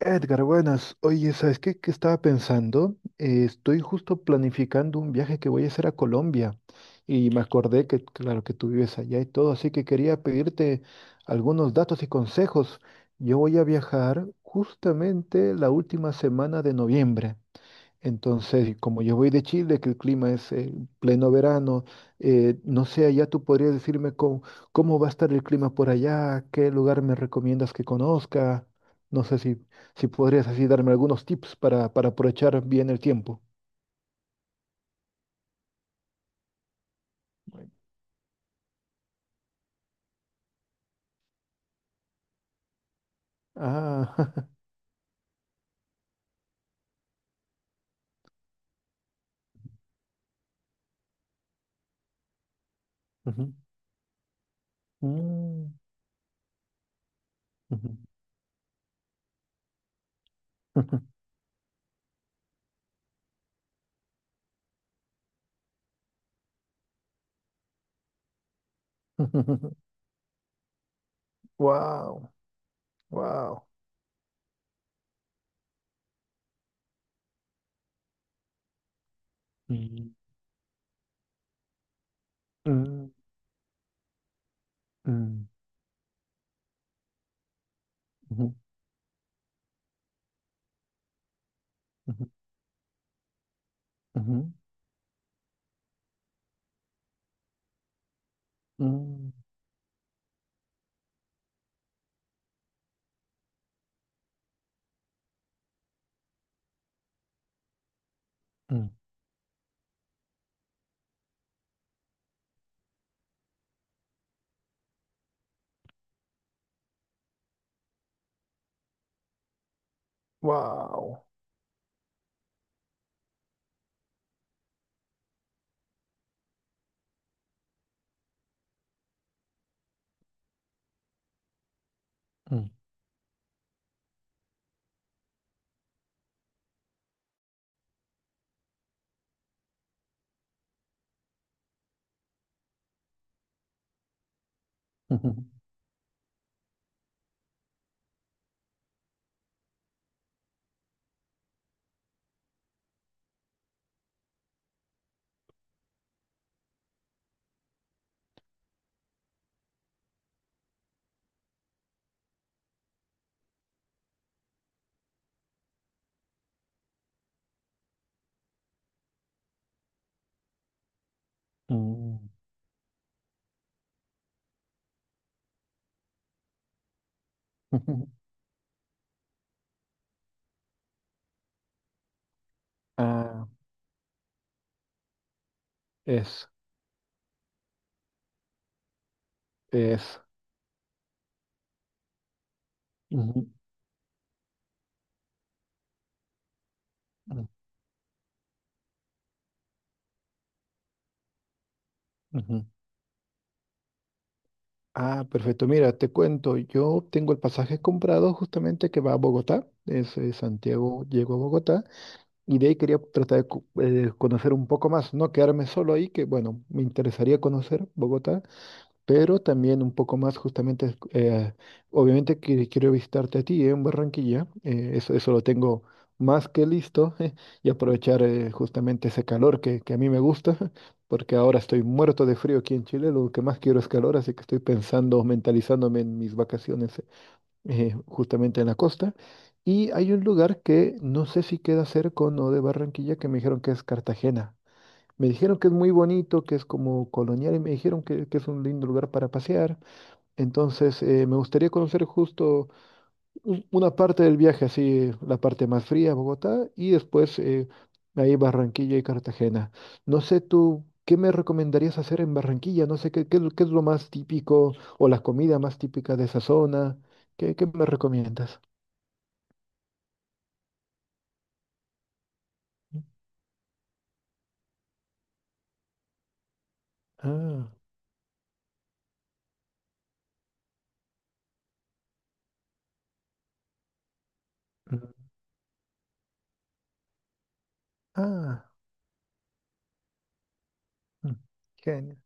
Edgar, buenas. Oye, ¿sabes qué estaba pensando? Estoy justo planificando un viaje que voy a hacer a Colombia y me acordé que, claro, que tú vives allá y todo, así que quería pedirte algunos datos y consejos. Yo voy a viajar justamente la última semana de noviembre. Entonces, y como yo voy de Chile, que el clima es pleno verano, no sé, allá tú podrías decirme cómo va a estar el clima por allá, qué lugar me recomiendas que conozca. No sé si, si podrías así darme algunos tips para aprovechar bien el tiempo. Ah, ujú, mm, ujú, ujú, wow, wow. Mm, mm, mm, ujú, ujú, ujú, mm, mm, wow. Mm, ujú. Mm. Ah, es, es. Ujú, ujú, ujú. Ah, perfecto. Mira, te cuento, yo tengo el pasaje comprado justamente que va a Bogotá, desde Santiago llego a Bogotá, y de ahí quería tratar de conocer un poco más, no quedarme solo ahí, que bueno, me interesaría conocer Bogotá, pero también un poco más justamente, obviamente que quiero visitarte a ti en Barranquilla, eso, eso lo tengo más que listo y aprovechar justamente ese calor que a mí me gusta, porque ahora estoy muerto de frío aquí en Chile, lo que más quiero es calor, así que estoy pensando, mentalizándome en mis vacaciones justamente en la costa. Y hay un lugar que no sé si queda cerca o no de Barranquilla, que me dijeron que es Cartagena. Me dijeron que es muy bonito, que es como colonial y me dijeron que es un lindo lugar para pasear. Entonces, me gustaría conocer justo una parte del viaje, así la parte más fría, Bogotá, y después ahí Barranquilla y Cartagena. No sé tú, ¿qué me recomendarías hacer en Barranquilla? No sé es lo qué es lo más típico o la comida más típica de esa zona. Qué me recomiendas? Ah, mm, ah, mm, genial.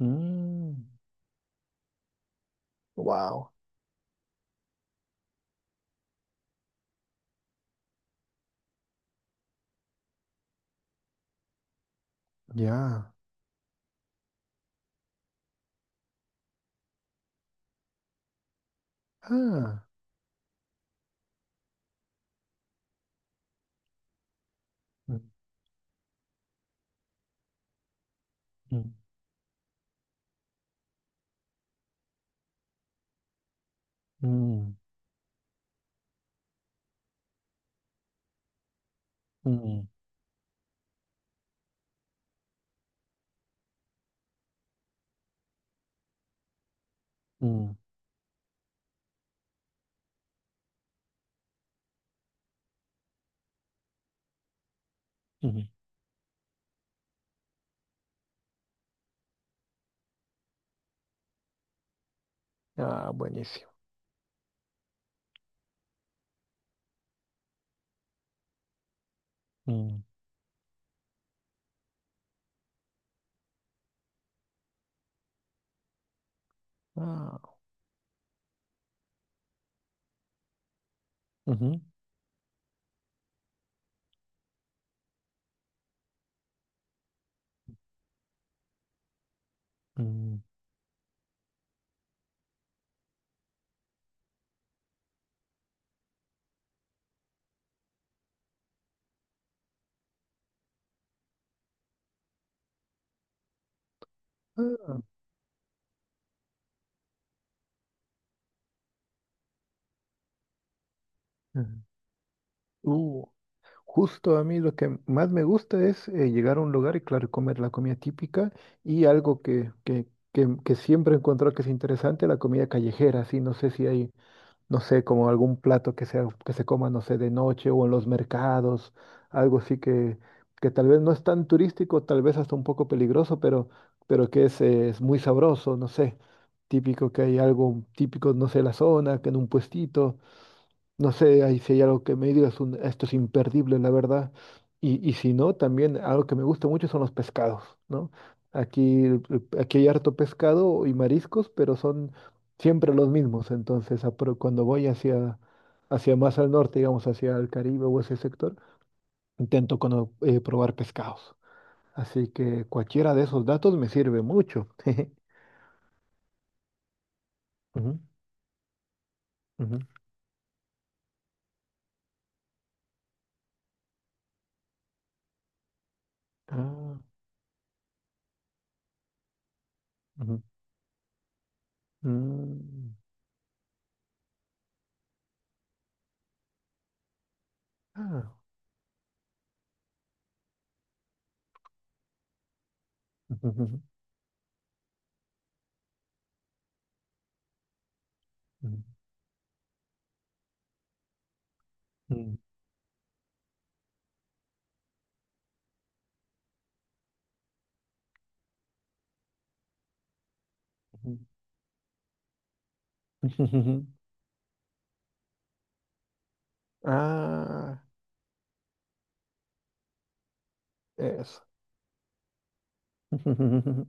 Mm. Wow, ya. Ah. Mm, mm, mm, mm, mm, mm. Ah, buenísimo. Mm. Ah, ujú, mm. Ah, ujú. Uh, Justo a mí lo que más me gusta es llegar a un lugar y, claro, comer la comida típica y algo que siempre he encontrado que es interesante, la comida callejera. Sí, no sé si hay no sé, como algún plato que sea, que se coma, no sé, de noche o en los mercados, algo así que tal vez no es tan turístico, tal vez hasta un poco peligroso, pero que es muy sabroso, no sé, típico que hay algo típico, no sé, la zona, que en un puestito. No sé ahí si hay algo que me digas, un, esto es imperdible, la verdad. Y si no, también algo que me gusta mucho son los pescados, ¿no? Aquí, aquí hay harto pescado y mariscos, pero son siempre los mismos. Entonces, cuando voy hacia más al norte, digamos, hacia el Caribe o ese sector, intento probar pescados. Así que cualquiera de esos datos me sirve mucho. Ujú, ujú. Ah, ujú. Mm. Ah, ujú, ujú, ujú. Ujú. Ah, eso.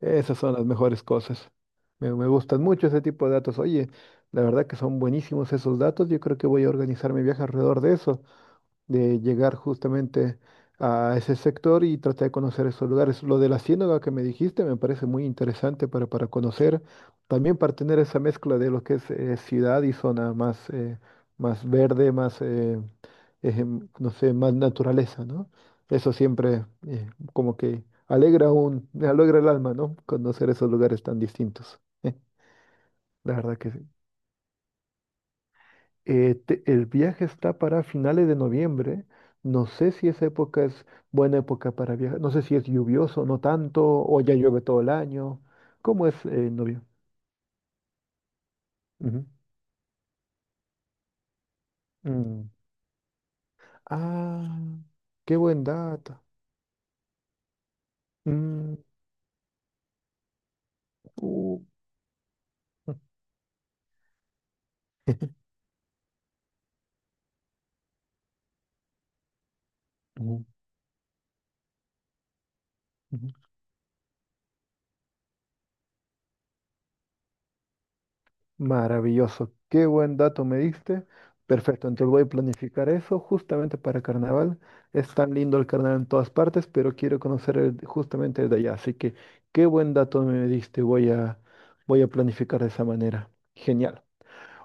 Esas son las mejores cosas. Me gustan mucho ese tipo de datos. Oye, la verdad que son buenísimos esos datos. Yo creo que voy a organizar mi viaje alrededor de eso. De llegar justamente a ese sector y tratar de conocer esos lugares. Lo de la ciénaga que me dijiste me parece muy interesante para conocer, también para tener esa mezcla de lo que es ciudad y zona más, más verde, más, no sé, más naturaleza, ¿no? Eso siempre como que alegra alegra el alma, ¿no? Conocer esos lugares tan distintos. La verdad que sí. El viaje está para finales de noviembre. No sé si esa época es buena época para viajar. No sé si es lluvioso, no tanto, o ya llueve todo el año. ¿Cómo es en noviembre? Ujú. Mm. Ah, qué buen dato. Mm, uh, ujú, ujú. Maravilloso, qué buen dato me diste. Perfecto, entonces voy a planificar eso justamente para carnaval. Es tan lindo el carnaval en todas partes, pero quiero conocer justamente el de allá. Así que qué buen dato me diste. Voy a planificar de esa manera. Genial.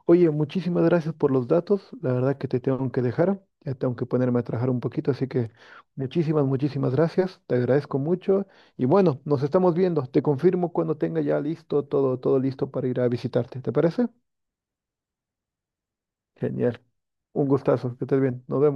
Oye, muchísimas gracias por los datos. La verdad que te tengo que dejar. Ya tengo que ponerme a trabajar un poquito. Así que muchísimas gracias. Te agradezco mucho. Y bueno, nos estamos viendo. Te confirmo cuando tenga ya listo todo, todo listo para ir a visitarte. ¿Te parece? Genial. Un gustazo. Que estés bien. Nos vemos.